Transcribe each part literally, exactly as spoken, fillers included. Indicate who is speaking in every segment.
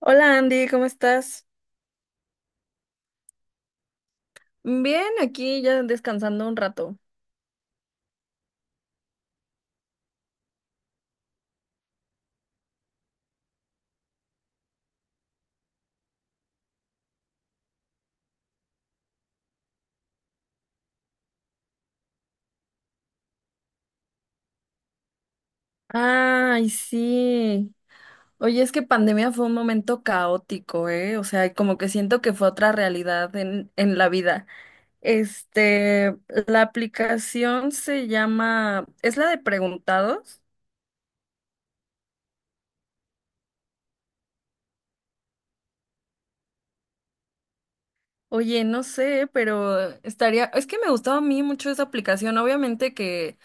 Speaker 1: Hola Andy, ¿cómo estás? Bien, aquí ya descansando un rato. Ay, sí. Oye, es que pandemia fue un momento caótico, ¿eh? O sea, como que siento que fue otra realidad en, en la vida. Este, la aplicación se llama, ¿es la de preguntados? Oye, no sé, pero estaría, es que me gustaba a mí mucho esa aplicación. Obviamente que,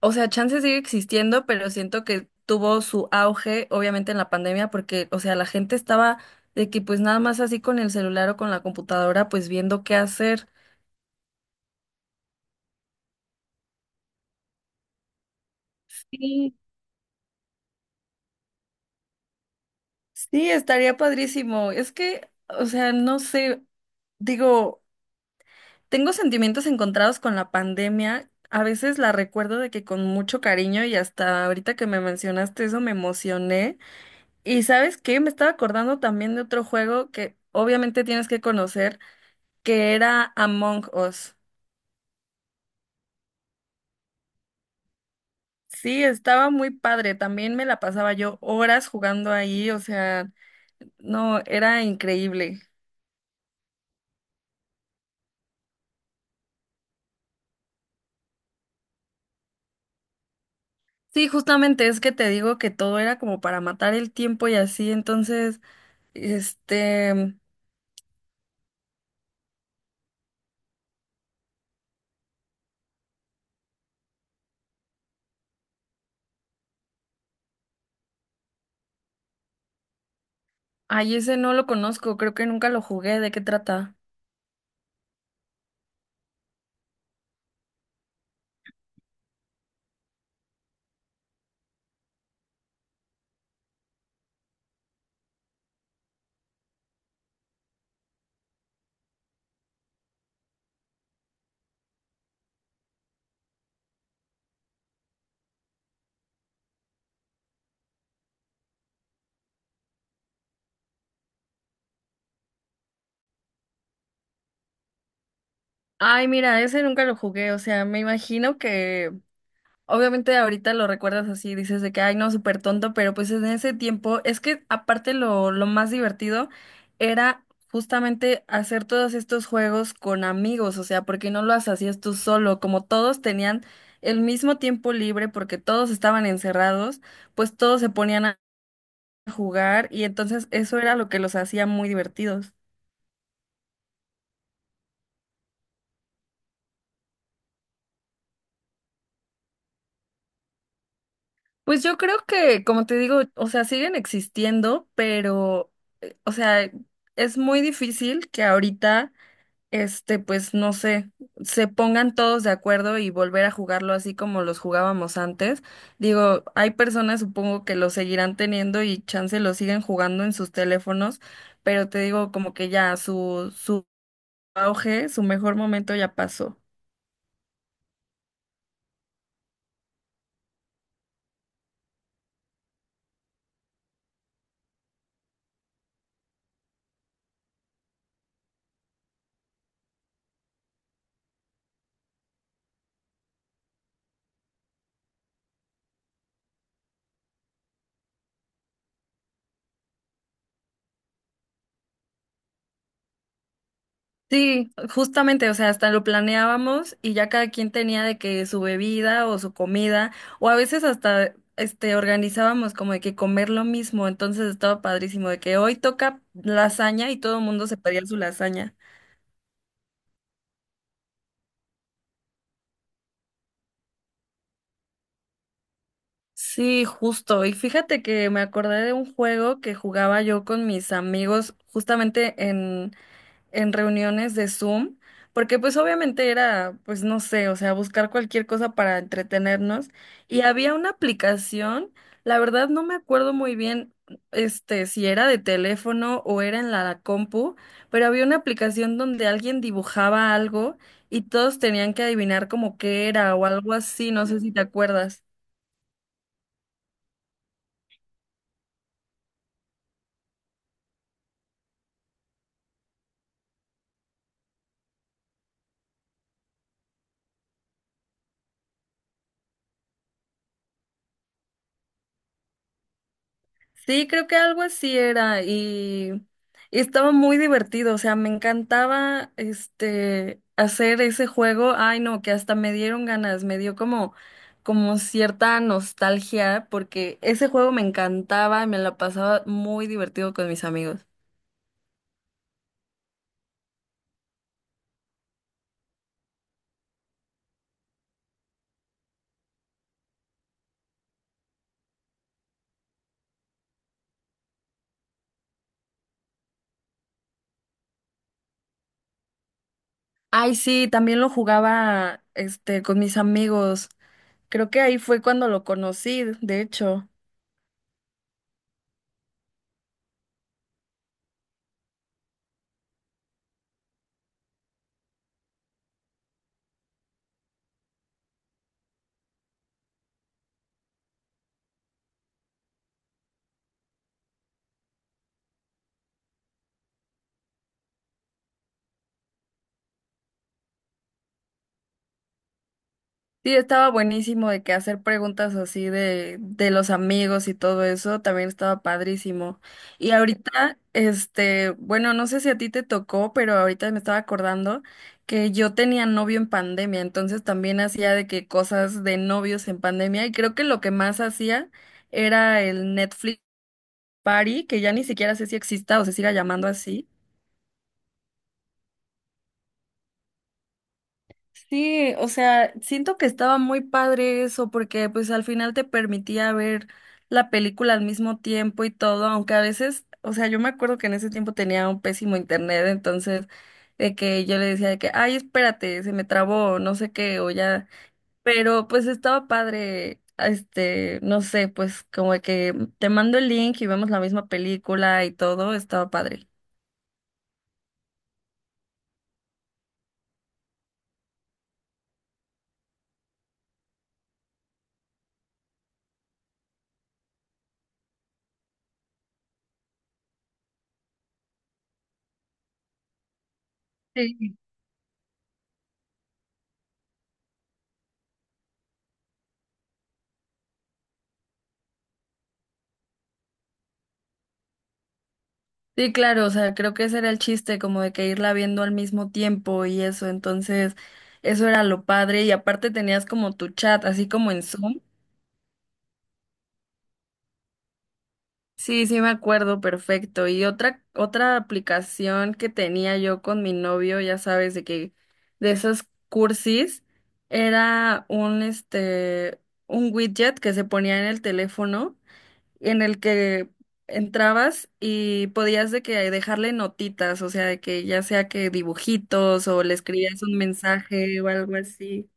Speaker 1: o sea, chance sigue existiendo, pero siento que tuvo su auge, obviamente, en la pandemia, porque, o sea, la gente estaba de que pues nada más así con el celular o con la computadora, pues viendo qué hacer. Sí. Sí, estaría padrísimo. Es que, o sea, no sé, digo, tengo sentimientos encontrados con la pandemia. A veces la recuerdo de que con mucho cariño y hasta ahorita que me mencionaste eso me emocioné. Y ¿sabes qué? Me estaba acordando también de otro juego que obviamente tienes que conocer, que era Among Us. Sí, estaba muy padre. También me la pasaba yo horas jugando ahí, o sea, no, era increíble. Sí, justamente es que te digo que todo era como para matar el tiempo y así, entonces, este, ay, ese no lo conozco, creo que nunca lo jugué, ¿de qué trata? Ay, mira, ese nunca lo jugué, o sea, me imagino que, obviamente ahorita lo recuerdas así, dices de que, ay, no, súper tonto, pero pues en ese tiempo es que aparte lo, lo más divertido era justamente hacer todos estos juegos con amigos, o sea, porque no lo hacías tú solo, como todos tenían el mismo tiempo libre porque todos estaban encerrados, pues todos se ponían a jugar y entonces eso era lo que los hacía muy divertidos. Pues yo creo que, como te digo, o sea, siguen existiendo, pero, eh, o sea, es muy difícil que ahorita este, pues no sé, se pongan todos de acuerdo y volver a jugarlo así como los jugábamos antes. Digo, hay personas supongo que lo seguirán teniendo y chance lo siguen jugando en sus teléfonos, pero te digo como que ya su, su auge, su mejor momento ya pasó. Sí, justamente, o sea, hasta lo planeábamos y ya cada quien tenía de que su bebida o su comida, o a veces hasta este organizábamos como de que comer lo mismo, entonces estaba padrísimo de que hoy toca lasaña y todo el mundo se pedía su lasaña. Sí, justo. Y fíjate que me acordé de un juego que jugaba yo con mis amigos justamente en reuniones de Zoom, porque pues obviamente era, pues no sé, o sea, buscar cualquier cosa para entretenernos. Y había una aplicación, la verdad no me acuerdo muy bien, este, si era de teléfono o era en la compu, pero había una aplicación donde alguien dibujaba algo y todos tenían que adivinar como qué era o algo así, no sé si te acuerdas. Sí, creo que algo así era y, y estaba muy divertido, o sea, me encantaba este hacer ese juego. Ay, no, que hasta me dieron ganas, me dio como como cierta nostalgia porque ese juego me encantaba y me la pasaba muy divertido con mis amigos. Ay, sí, también lo jugaba este con mis amigos. Creo que ahí fue cuando lo conocí, de hecho. Sí, estaba buenísimo de que hacer preguntas así de, de los amigos y todo eso, también estaba padrísimo. Y ahorita, este, bueno, no sé si a ti te tocó, pero ahorita me estaba acordando que yo tenía novio en pandemia, entonces también hacía de que cosas de novios en pandemia y creo que lo que más hacía era el Netflix Party, que ya ni siquiera sé si exista o se siga llamando así. Sí, o sea, siento que estaba muy padre eso porque pues al final te permitía ver la película al mismo tiempo y todo, aunque a veces, o sea, yo me acuerdo que en ese tiempo tenía un pésimo internet, entonces de que yo le decía de que, ay, espérate, se me trabó, no sé qué, o ya, pero pues estaba padre, este, no sé, pues como de que te mando el link y vemos la misma película y todo, estaba padre. Sí, claro, o sea, creo que ese era el chiste, como de que irla viendo al mismo tiempo y eso, entonces eso era lo padre y aparte tenías como tu chat, así como en Zoom. Sí, sí me acuerdo, perfecto. Y otra otra aplicación que tenía yo con mi novio, ya sabes, de que de esos cursis era un este un widget que se ponía en el teléfono en el que entrabas y podías de que dejarle notitas, o sea, de que ya sea que dibujitos o le escribías un mensaje o algo así.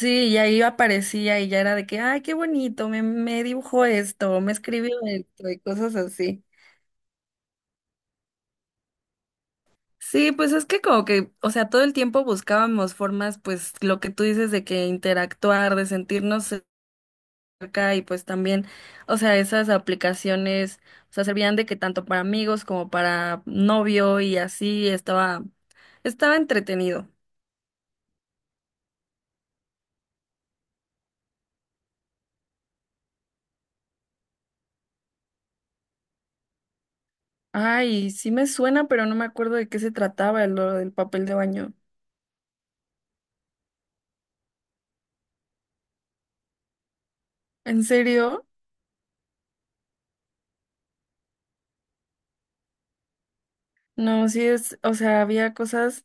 Speaker 1: Sí, y ahí aparecía y ya era de que, ay, qué bonito, me, me dibujó esto, me escribió esto y cosas así. Sí, pues es que como que, o sea, todo el tiempo buscábamos formas, pues lo que tú dices de que interactuar, de sentirnos cerca y pues también, o sea, esas aplicaciones, o sea, servían de que tanto para amigos como para novio y así estaba, estaba entretenido. Ay, sí me suena, pero no me acuerdo de qué se trataba lo del papel de baño. ¿En serio? No, sí es, o sea, había cosas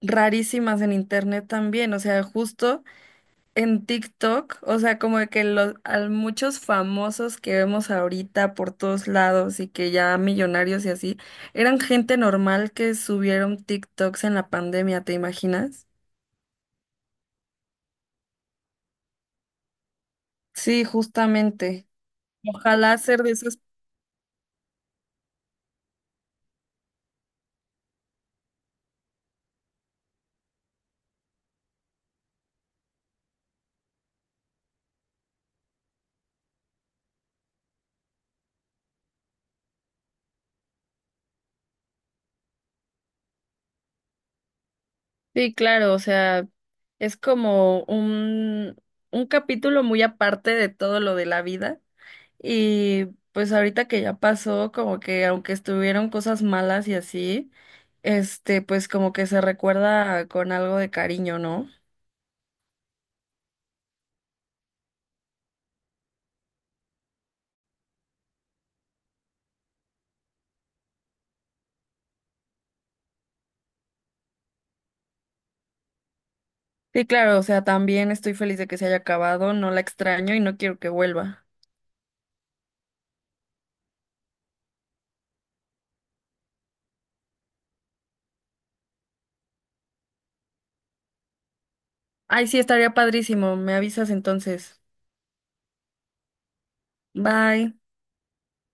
Speaker 1: rarísimas en internet también, o sea, justo en TikTok, o sea, como de que los, a muchos famosos que vemos ahorita por todos lados y que ya millonarios y así, eran gente normal que subieron TikToks en la pandemia, ¿te imaginas? Sí, justamente. Ojalá ser de esos. Sí, claro, o sea, es como un, un capítulo muy aparte de todo lo de la vida. Y pues ahorita que ya pasó, como que aunque estuvieron cosas malas y así, este, pues como que se recuerda con algo de cariño, ¿no? Sí, claro, o sea, también estoy feliz de que se haya acabado, no la extraño y no quiero que vuelva. Ay, sí, estaría padrísimo, me avisas entonces. Bye.